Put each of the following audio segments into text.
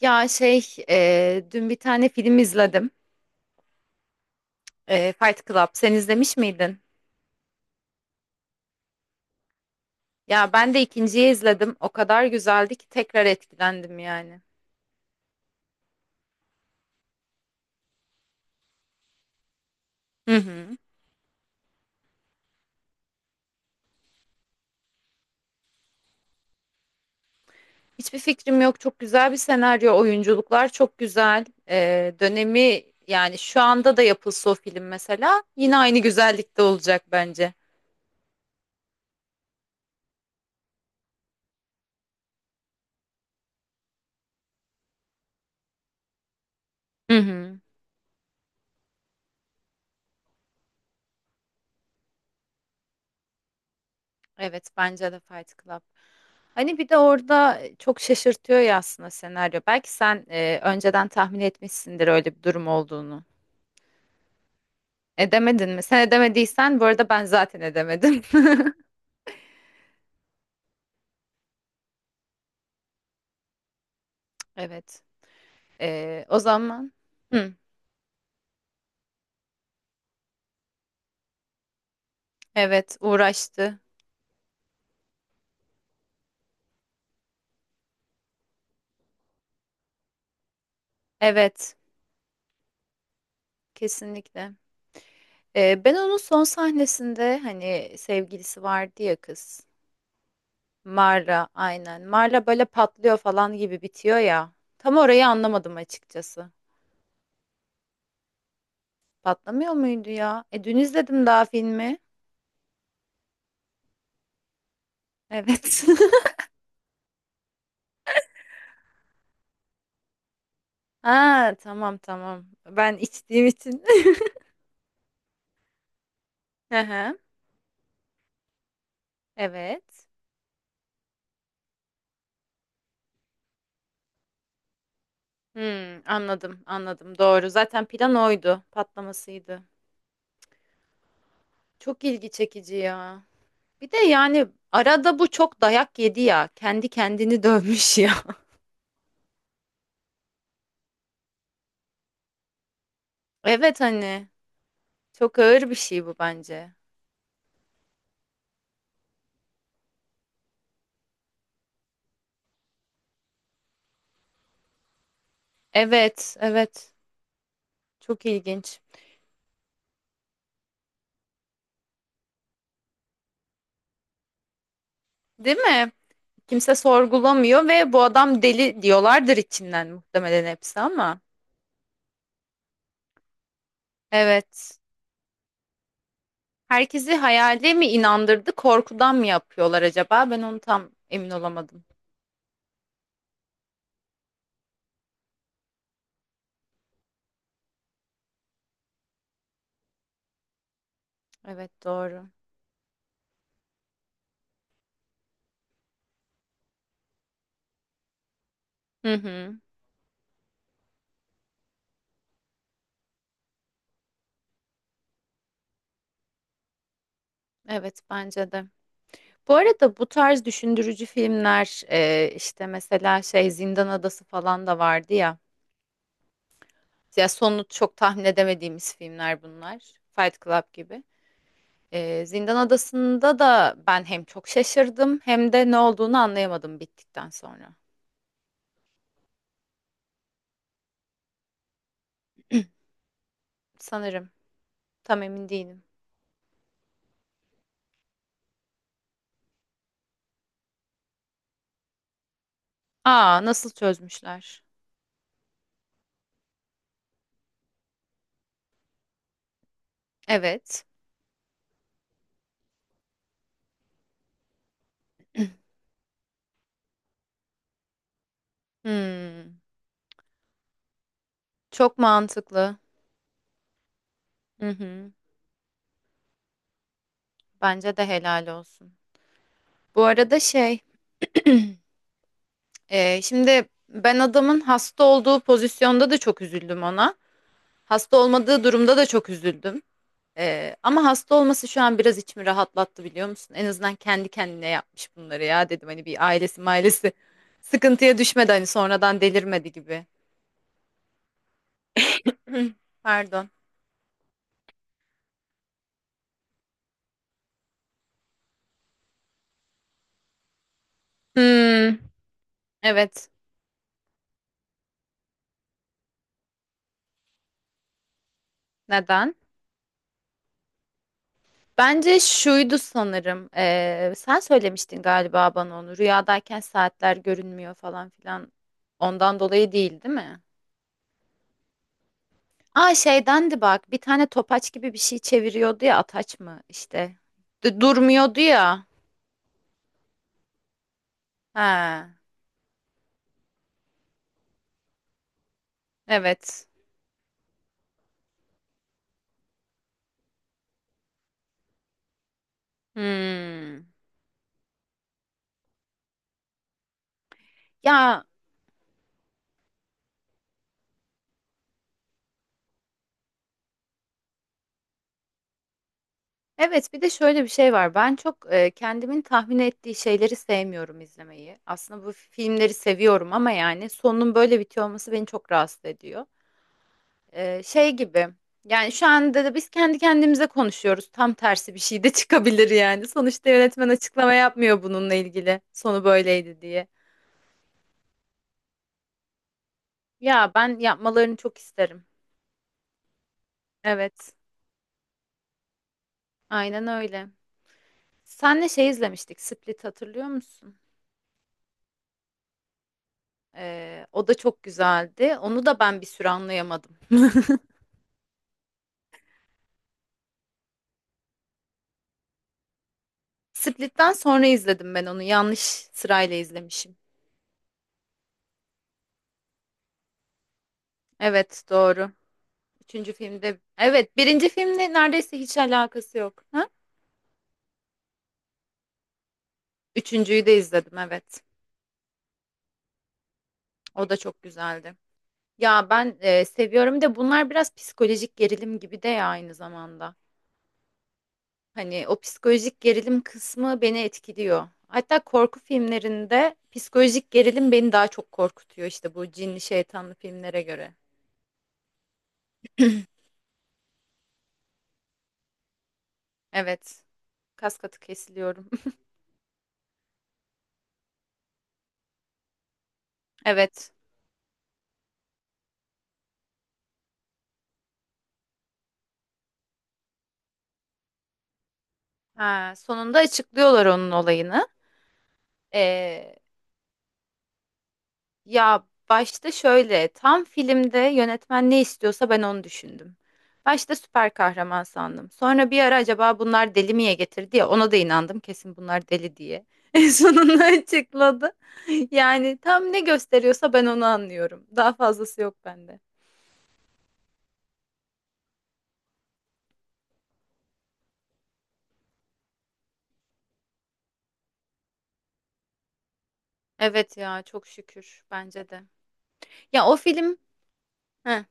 Ya şey, dün bir tane film izledim. Fight Club. Sen izlemiş miydin? Ya ben de ikinciyi izledim. O kadar güzeldi ki tekrar etkilendim yani. Hı hı. Hiçbir fikrim yok. Çok güzel bir senaryo. Oyunculuklar çok güzel. Dönemi yani şu anda da yapılsa o film mesela yine aynı güzellikte olacak bence. Hı hı. Evet bence de Fight Club. Hani bir de orada çok şaşırtıyor ya aslında senaryo. Belki sen önceden tahmin etmişsindir öyle bir durum olduğunu. Edemedin mi? Sen edemediysen bu arada ben zaten edemedim. Evet. O zaman. Hı, evet uğraştı. Evet kesinlikle. Ben onun son sahnesinde hani sevgilisi vardı ya kız. Marla aynen. Marla böyle patlıyor falan gibi bitiyor ya. Tam orayı anlamadım açıkçası. Patlamıyor muydu ya? E dün izledim daha filmi. Evet. Ha tamam tamam. Ben içtiğim için. Hı hı, evet. Hmm, anladım anladım doğru. Zaten plan oydu. Patlamasıydı. Çok ilgi çekici ya. Bir de yani arada bu çok dayak yedi ya. Kendi kendini dövmüş ya. Evet hani çok ağır bir şey bu bence. Evet evet. Çok ilginç. Değil mi? Kimse sorgulamıyor ve bu adam deli diyorlardır içinden muhtemelen hepsi ama. Evet. Herkesi hayale mi inandırdı, korkudan mı yapıyorlar acaba? Ben onu tam emin olamadım. Evet doğru. Hı hı. Evet bence de. Bu arada bu tarz düşündürücü filmler işte mesela şey Zindan Adası falan da vardı ya. Ya sonunu çok tahmin edemediğimiz filmler bunlar. Fight Club gibi. Zindan Adası'nda da ben hem çok şaşırdım hem de ne olduğunu anlayamadım bittikten sonra. Sanırım. Tam emin değilim. Aa, nasıl çözmüşler? Evet. Hmm, çok mantıklı. Hı hı. Bence de helal olsun. Bu arada şey, şimdi ben adamın hasta olduğu pozisyonda da çok üzüldüm ona. Hasta olmadığı durumda da çok üzüldüm. Ama hasta olması şu an biraz içimi rahatlattı biliyor musun? En azından kendi kendine yapmış bunları ya dedim. Hani bir ailesi mailesi sıkıntıya düşmedi hani sonradan delirmedi gibi. Pardon. Hmm, evet. Neden? Bence şuydu sanırım. Sen söylemiştin galiba bana onu. Rüyadayken saatler görünmüyor falan filan. Ondan dolayı değil, değil mi? Aa şeydendi bak. Bir tane topaç gibi bir şey çeviriyordu ya. Ataç mı işte? Durmuyordu ya. He. Evet. Hmm. Ya evet bir de şöyle bir şey var. Ben çok kendimin tahmin ettiği şeyleri sevmiyorum izlemeyi. Aslında bu filmleri seviyorum ama yani sonunun böyle bitiyor olması beni çok rahatsız ediyor. Şey gibi yani şu anda da biz kendi kendimize konuşuyoruz. Tam tersi bir şey de çıkabilir yani. Sonuçta yönetmen açıklama yapmıyor bununla ilgili. Sonu böyleydi diye. Ya ben yapmalarını çok isterim. Evet. Aynen öyle. Senle şey izlemiştik. Split hatırlıyor musun? O da çok güzeldi. Onu da ben bir süre anlayamadım. Split'ten sonra izledim ben onu. Yanlış sırayla izlemişim. Evet, doğru. Üçüncü filmde evet birinci filmle neredeyse hiç alakası yok. Ha? Üçüncüyü de izledim evet. O da çok güzeldi. Ya ben seviyorum de bunlar biraz psikolojik gerilim gibi de ya aynı zamanda. Hani o psikolojik gerilim kısmı beni etkiliyor. Hatta korku filmlerinde psikolojik gerilim beni daha çok korkutuyor işte bu cinli şeytanlı filmlere göre. Evet. Kas katı kesiliyorum. Evet. Ha, sonunda açıklıyorlar onun olayını. Ee, Ya başta şöyle tam filmde yönetmen ne istiyorsa ben onu düşündüm. Başta süper kahraman sandım. Sonra bir ara acaba bunlar deli miye getirdi ya ona da inandım kesin bunlar deli diye. En sonunda açıkladı. Yani tam ne gösteriyorsa ben onu anlıyorum. Daha fazlası yok bende. Evet ya çok şükür bence de. Ya o film. Heh,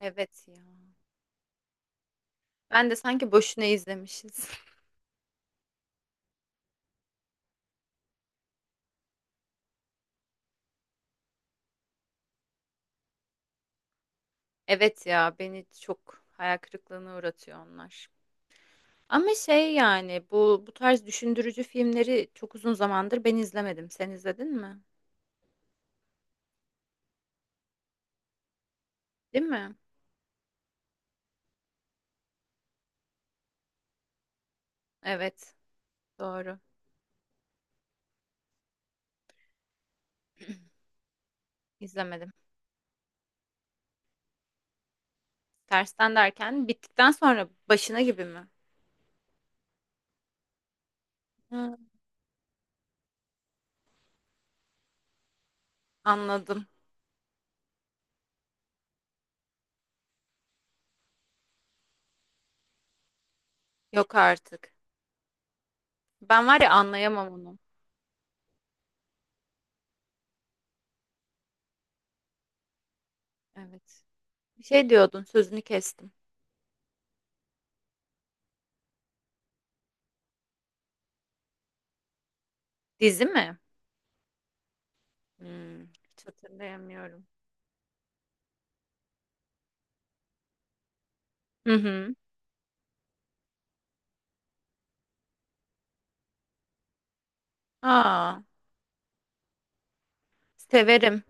evet ya. Ben de sanki boşuna izlemişiz. Evet ya beni çok hayal kırıklığına uğratıyor onlar. Ama şey yani bu tarz düşündürücü filmleri çok uzun zamandır ben izlemedim. Sen izledin mi? Değil mi? Evet, doğru. İzlemedim. Tersten derken bittikten sonra başına gibi mi? Hı, anladım. Yok artık. Ben var ya anlayamam onu. Evet. Bir şey diyordun, sözünü kestim. Dizi mi? Hmm, hiç hatırlayamıyorum. Hı hı. Aa, severim.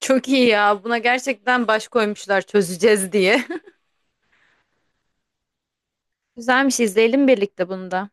Çok iyi ya. Buna gerçekten baş koymuşlar çözeceğiz diye. Güzelmiş izleyelim birlikte bunu da.